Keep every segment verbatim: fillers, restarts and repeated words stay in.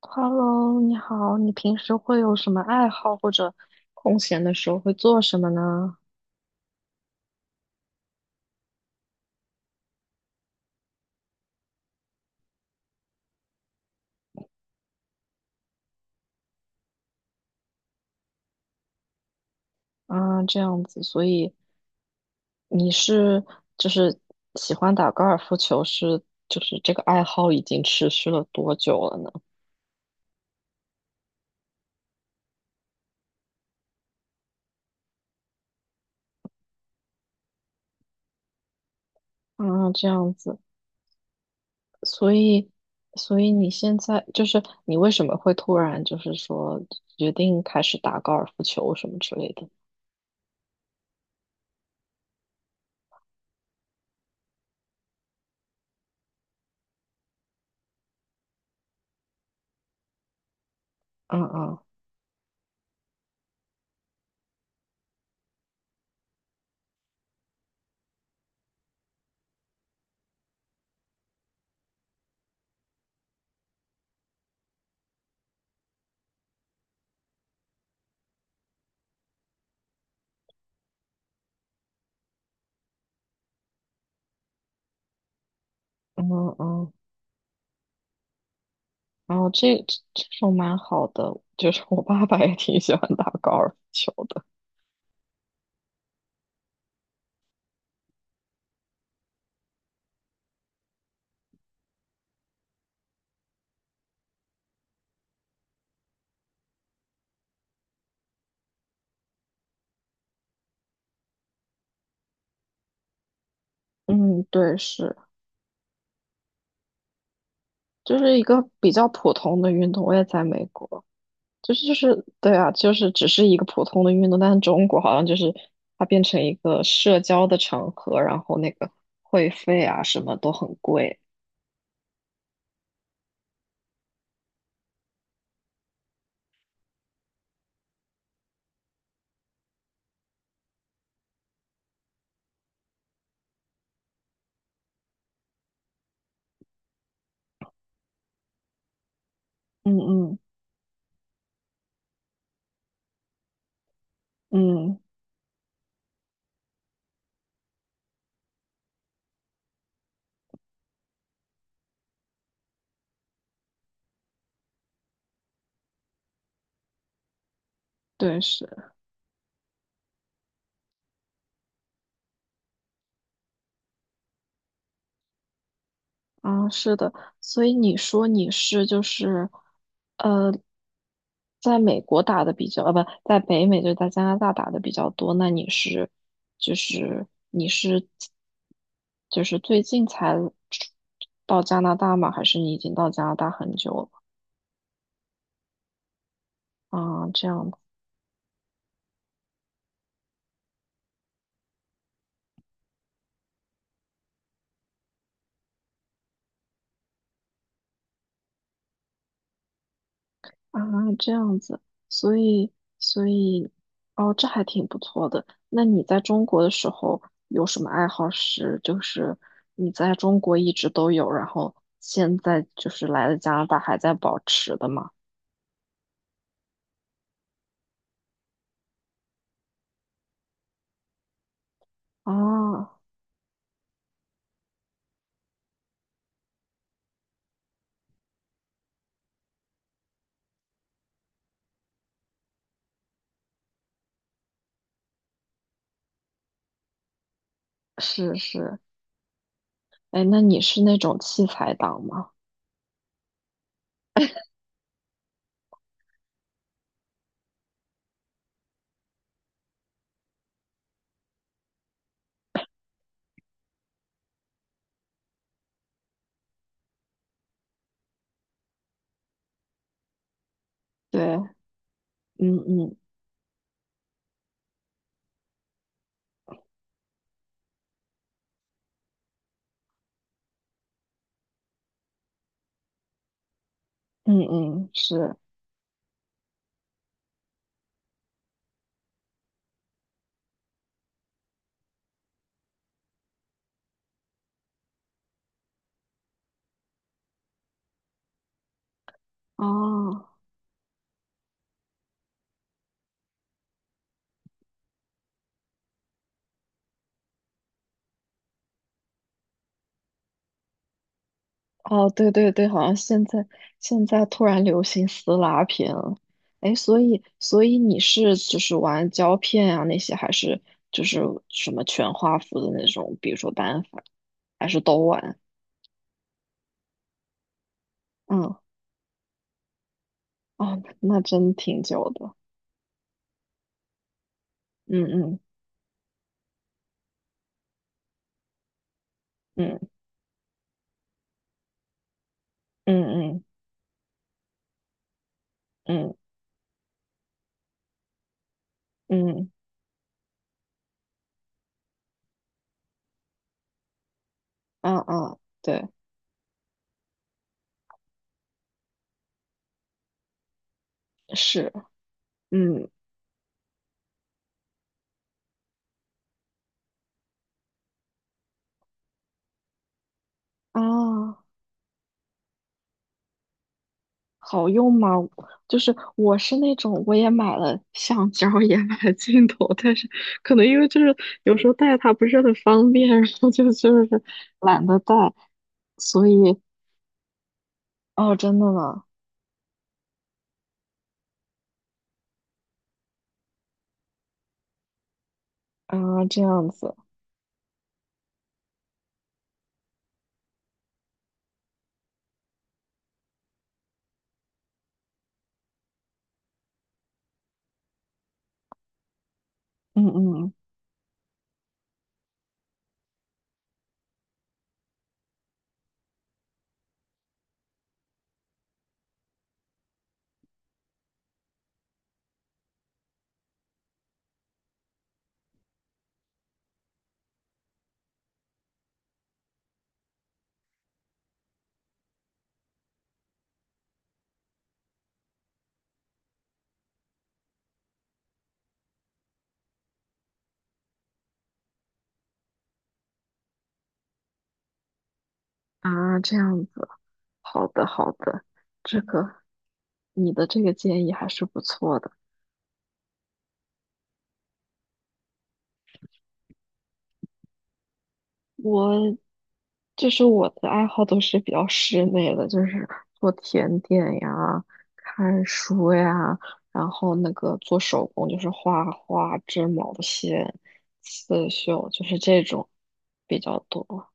Hello，你好，你平时会有什么爱好，或者空闲的时候会做什么呢？啊，这样子，所以你是就是喜欢打高尔夫球是，就是这个爱好已经持续了多久了呢？啊，这样子，所以所以你现在就是你为什么会突然就是说决定开始打高尔夫球什么之类的？嗯嗯。嗯嗯。然后这这这种蛮好的，就是我爸爸也挺喜欢打高尔夫球的。嗯，对，是，就是一个比较普通的运动。我也在美国，就是就是，对啊，就是只是一个普通的运动，但是中国好像就是它变成一个社交的场合，然后那个会费啊什么都很贵。嗯嗯。嗯，对，是。啊，是的，所以你说你是就是，呃，在美国打的比较，呃，不，在北美就在加拿大打的比较多。那你是，就是你是，就是最近才到加拿大吗？还是你已经到加拿大很久了？啊，这样。啊，这样子，所以所以，哦，这还挺不错的。那你在中国的时候有什么爱好是，就是你在中国一直都有，然后现在就是来了加拿大还在保持的吗？啊，是是。哎，那你是那种器材党吗？对，嗯嗯。嗯嗯，是，啊。哦，对对对，好像现在现在突然流行撕拉片了。哎，所以所以你是就是玩胶片啊那些，还是就是什么全画幅的那种，比如说单反，还是都玩？嗯，哦，那真挺久的。嗯嗯。嗯嗯。嗯嗯。嗯。啊啊，嗯对，是。嗯。啊。好用吗？就是我是那种，我也买了橡胶，也买了镜头，但是可能因为就是有时候带它不是很方便，然后就就是懒得带，所以。哦，真的吗？啊，这样子。嗯嗯。啊，这样子，好的好的，这个你的这个建议还是不错的。我就是我的爱好都是比较室内的，就是做甜点呀、看书呀，然后那个做手工，就是画画、织毛线、刺绣，就是这种比较多。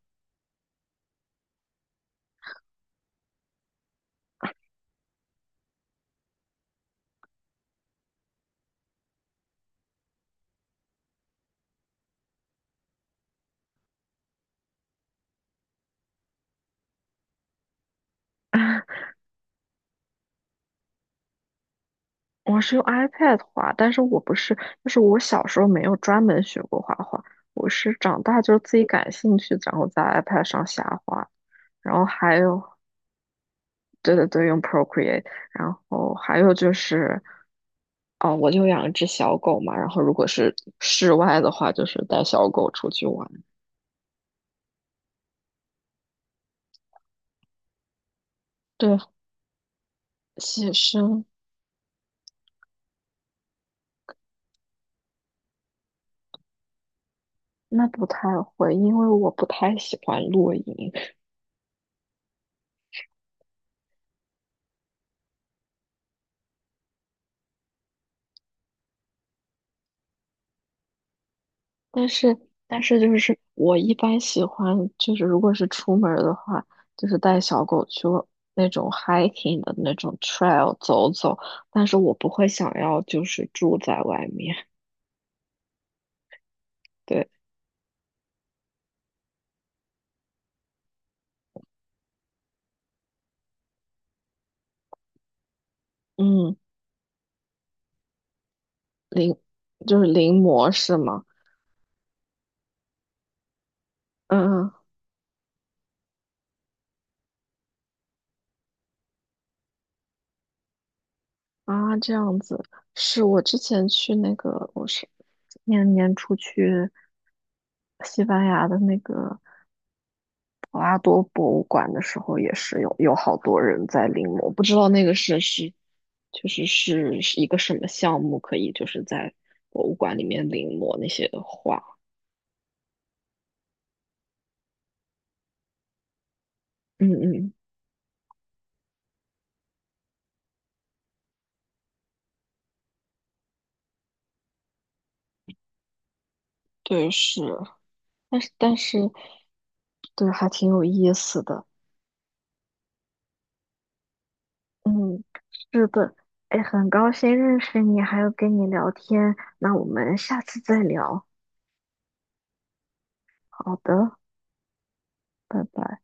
我是用 iPad 画，但是我不是，就是我小时候没有专门学过画画，我是长大就是自己感兴趣，然后在 iPad 上瞎画。然后还有，对对对，用 Procreate，然后还有就是，哦，我就养一只小狗嘛，然后如果是室外的话，就是带小狗出去玩。对，写生那不太会，因为我不太喜欢露营，但是但是就是我一般喜欢就是如果是出门儿的话，就是带小狗去那种 hiking 的那种 trail 走走，但是我不会想要就是住在外面。对。嗯。临，就是临摹是吗？嗯嗯。啊，这样子。是我之前去那个，我是年年初去西班牙的那个博拉多博物馆的时候，也是有有好多人在临摹，不知道那个是是就是是是一个什么项目，可以就是在博物馆里面临摹那些画。嗯嗯，对，是。但是但是对，还挺有意思的。嗯，是的，哎，很高兴认识你，还有跟你聊天，那我们下次再聊。好的，拜拜。